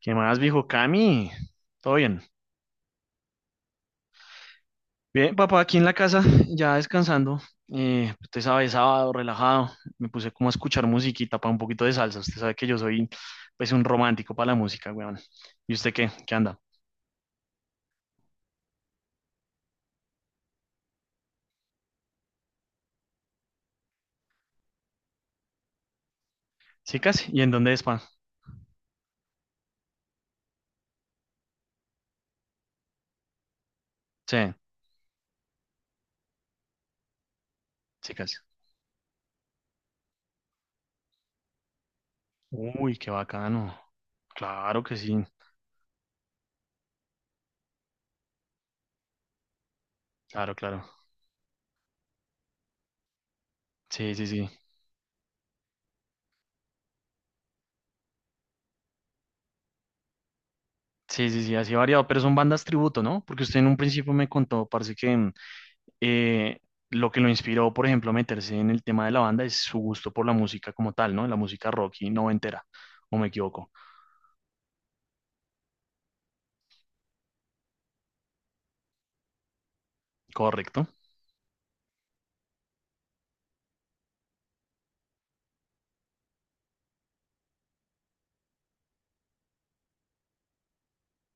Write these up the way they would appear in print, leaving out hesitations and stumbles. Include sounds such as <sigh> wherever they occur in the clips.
¿Qué más, viejo Cami? ¿Todo bien? Bien, papá, aquí en la casa, ya descansando. Usted sabe, sábado, relajado. Me puse como a escuchar musiquita para un poquito de salsa. Usted sabe que yo soy, pues, un romántico para la música, weón. ¿Y usted qué? ¿Qué anda? ¿Chicas? ¿Y en dónde es, pa? Sí, chicas. Uy, qué bacano. Claro que sí. Claro, claro. Sí, sí, sí. Sí, sí, sí, así variado. Pero son bandas tributo, ¿no? Porque usted en un principio me contó, parece que, eh, lo que lo inspiró, por ejemplo, a meterse en el tema de la banda es su gusto por la música como tal, ¿no? La música rock y noventera, o me equivoco. Correcto.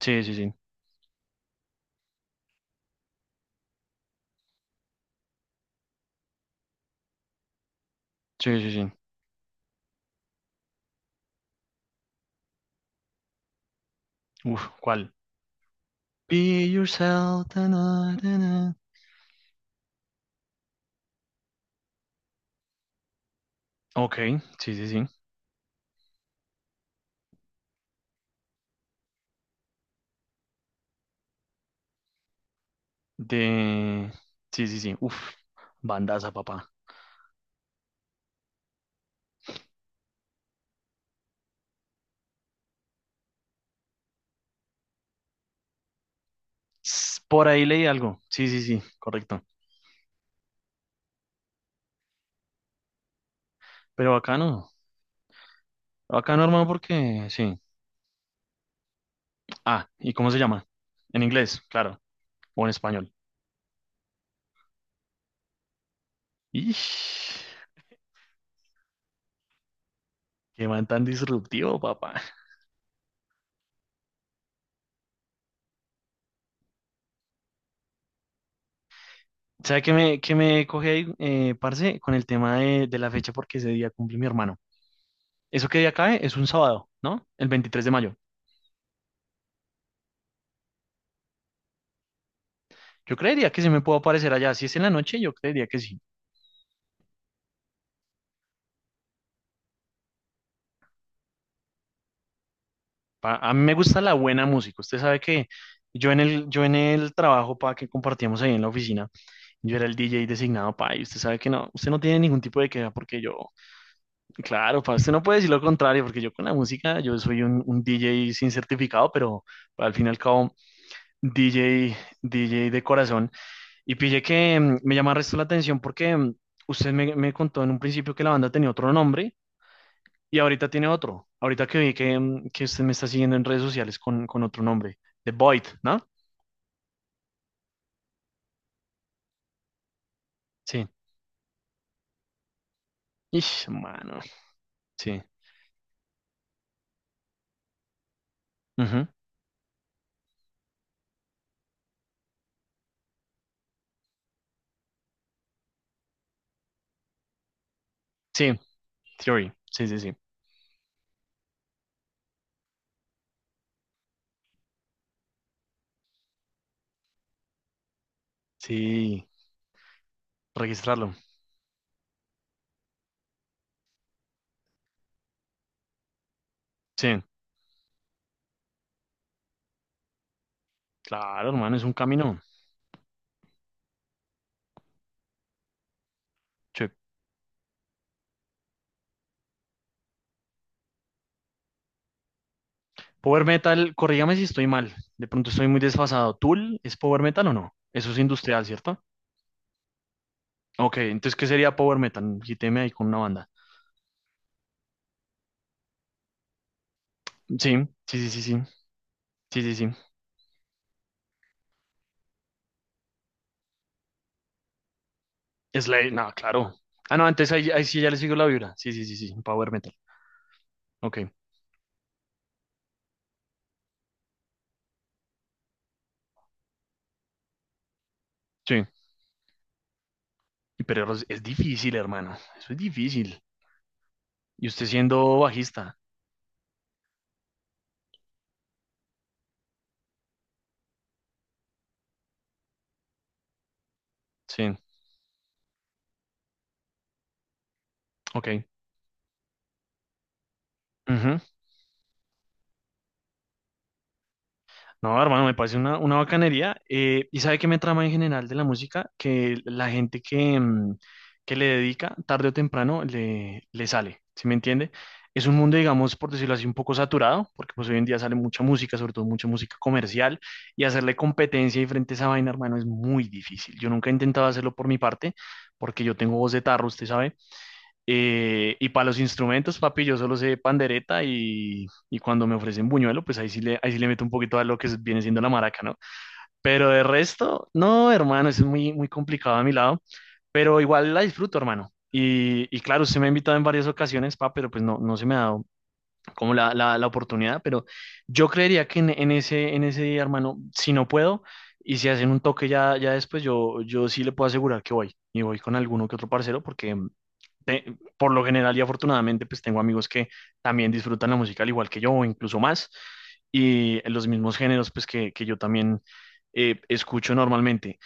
Sí, sí, sí. Sí, sí, sí. Uf, ¿cuál? Be yourself. Ta, na, ta, na. Ok, sí, sí, sí. De. Sí, sí, sí. Uf, bandaza, papá. S- Por ahí leí algo. Sí, sí, sí, correcto. Pero acá no. Acá no, hermano, porque sí. Ah, ¿y cómo se llama? En inglés, claro. O en español. Ish, qué man tan disruptivo, papá. ¿Sabe qué me coge ahí, parce, con el tema de la fecha? Porque ese día cumple mi hermano. ¿Eso qué día cae? Es un sábado, ¿no? El 23 de mayo. Yo creería que se me puedo aparecer allá. Si es en la noche, yo creería que sí. Pa- A mí me gusta la buena música. Usted sabe que yo en el trabajo, pa, que compartíamos ahí en la oficina, yo era el DJ designado, pa, y usted sabe que no, usted no tiene ningún tipo de queja porque yo. Claro, para usted no puede decir lo contrario, porque yo con la música, yo soy un DJ sin certificado, pero al fin y al cabo, DJ, DJ de corazón. Y pille que me llama el resto la atención porque usted me, me contó en un principio que la banda tenía otro nombre y ahorita tiene otro. Ahorita que vi que, que usted me está siguiendo en redes sociales con otro nombre, The Void, ¿no? Sí. Ish, mano. Sí. Ujú. Sí, Theory. Sí, sí, sí. Sí, registrarlo. Sí, claro, hermano, es un camino. Sí. Power Metal, corrígame si estoy mal, de pronto estoy muy desfasado. ¿Tool es Power Metal o no? Eso es industrial, ¿cierto? Ok, entonces, ¿qué sería Power Metal? Quíteme ahí con una banda. Sí, sí, sí, sí, sí, sí, sí, sí. Slade, no, claro. Ah, no, antes ahí, ahí sí ya le sigo la vibra. Sí, sí, sí, sí, Power Metal. Ok, sí. Y pero es difícil, hermano, eso es difícil. Y usted siendo bajista, sí, ok. Ujú. No, hermano, me parece una bacanería. Y sabe qué me trama en general de la música, que la gente que, que le dedica, tarde o temprano, le sale, ¿sí me entiende? Es un mundo, digamos, por decirlo así, un poco saturado, porque pues hoy en día sale mucha música, sobre todo mucha música comercial, y hacerle competencia y frente a esa vaina, hermano, es muy difícil. Yo nunca he intentado hacerlo por mi parte, porque yo tengo voz de tarro, usted sabe, y para los instrumentos, papi, yo solo sé pandereta y cuando me ofrecen buñuelo, pues ahí sí le meto un poquito a lo que es- viene siendo la maraca, ¿no? Pero de resto, no, hermano, eso es muy, muy complicado a mi lado, pero igual la disfruto, hermano. Y claro, usted me ha invitado en varias ocasiones, pa, pero pues no, no se me ha dado como la oportunidad, pero yo creería que en ese día, hermano, si no puedo y si hacen un toque ya, ya después, yo sí le puedo asegurar que voy y voy con alguno que otro parcero porque te- por lo general y afortunadamente pues tengo amigos que también disfrutan la música al igual que yo o incluso más y los mismos géneros pues que yo también escucho normalmente.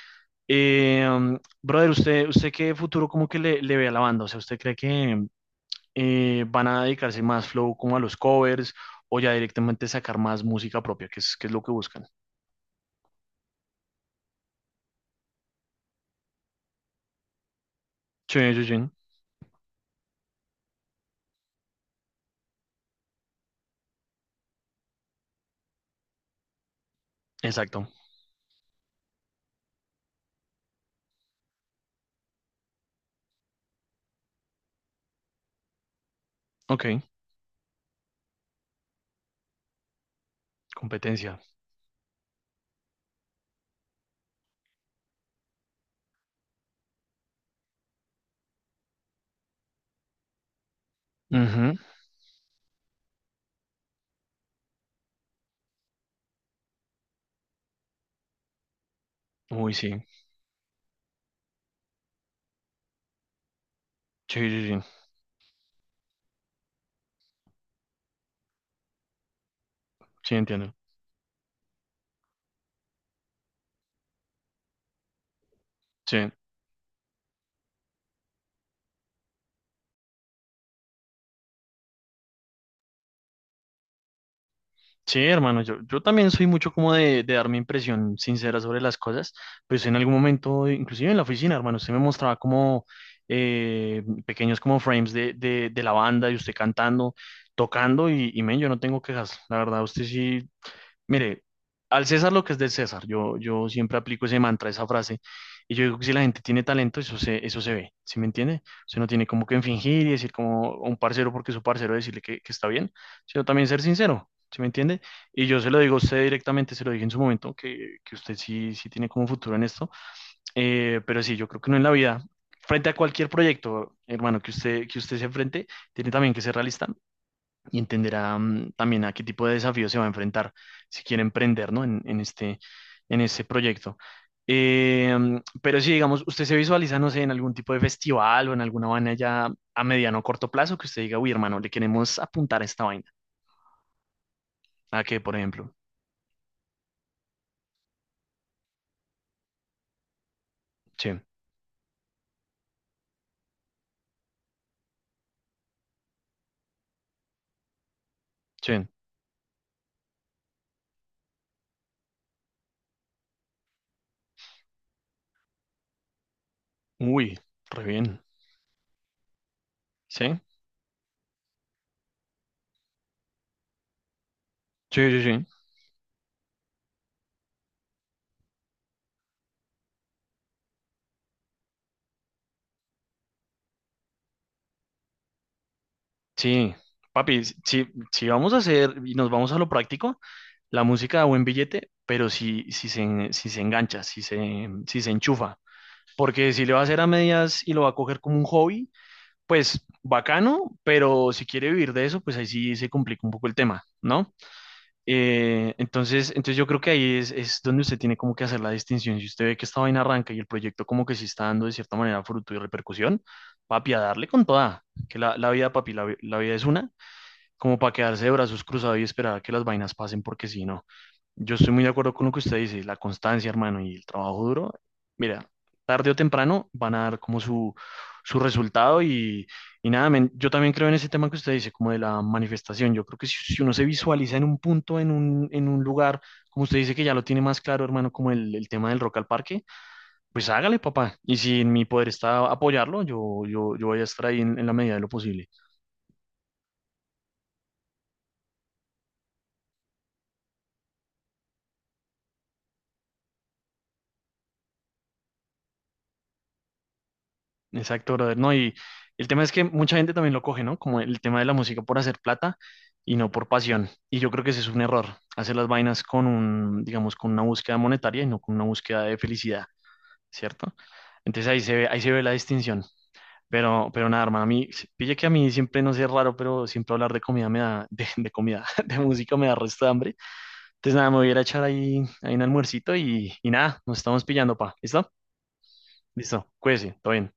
Brother, ¿usted, usted qué futuro como que le ve a la banda? O sea, ¿usted cree que, van a dedicarse más flow como a los covers o ya directamente sacar más música propia, que es lo que buscan. Sí, sí, sí. Exacto. Ok, competencia. Ujú. Uy, sí. Sí, sí, sí. Sí, entiendo. Sí. Sí, hermano, yo también soy mucho como de dar mi impresión sincera sobre las cosas, pues en algún momento, inclusive en la oficina, hermano, usted me mostraba como pequeños como frames de la banda y usted cantando, tocando y men, yo no tengo quejas, la verdad, usted sí. Mire, al César lo que es del César. Yo siempre aplico ese mantra, esa frase. Y yo digo que si la gente tiene talento, eso se ve. ¿Sí me entiende? Usted no tiene como que fingir y decir como a un parcero porque su parcero decirle que está bien, sino también ser sincero. ¿Sí me entiende? Y yo se lo digo a usted directamente, se lo dije en su momento, que usted sí, sí tiene como futuro en esto. Pero sí, yo creo que no en la vida. Frente a cualquier proyecto, hermano, que usted se enfrente, tiene también que ser realista y entenderá también a qué tipo de desafíos se va a enfrentar si quiere emprender, ¿no? En este proyecto. Eh, mm, pero si, digamos, usted se visualiza, no sé, en algún tipo de festival o en alguna vaina ya a mediano o corto plazo que usted diga, uy, hermano, le queremos apuntar a esta vaina. ¿A qué, por ejemplo? Sí, sí. Uy, re bien. ¿Sí? Sí, sí, sí. Sí. Papi, si, si vamos a hacer y nos vamos a lo práctico, la música da buen billete, pero si, si se, si se engancha, si se, si se enchufa, porque si le va a hacer a medias y lo va a coger como un hobby, pues bacano, pero si quiere vivir de eso, pues ahí sí se complica un poco el tema, ¿no? Entonces, entonces yo creo que ahí es donde usted tiene como que hacer la distinción. Si usted ve que esta vaina arranca y el proyecto como que sí está dando de cierta manera fruto y repercusión, papi, a darle con toda, que la vida, papi, la, vi- la vida es una como para quedarse de brazos cruzados y esperar a que las vainas pasen, porque si no, yo estoy muy de acuerdo con lo que usted dice, la constancia, hermano, y el trabajo duro, mira, tarde o temprano van a dar como su resultado y nada, men, yo también creo en ese tema que usted dice, como de la manifestación, yo creo que si, si uno se visualiza en un punto, en un lugar, como usted dice que ya lo tiene más claro, hermano, como el tema del rock al parque, pues hágale, papá, y si en mi poder está apoyarlo, yo voy a estar ahí en la medida de lo posible. Exacto, brother, ¿no? Y el tema es que mucha gente también lo coge, ¿no? Como el tema de la música por hacer plata y no por pasión. Y yo creo que ese es un error, hacer las vainas con un, digamos, con una búsqueda monetaria y no con una búsqueda de felicidad, ¿cierto? Entonces ahí se ve la distinción. Pero nada, hermano, a mí, pille que a mí siempre, no sé, es raro, pero siempre hablar de comida me da, de comida, <laughs> de música me da resto de hambre. Entonces nada, me voy a ir a echar ahí, ahí un almuercito y nada, nos estamos pillando, pa. ¿Listo? Listo, cuídese, todo bien.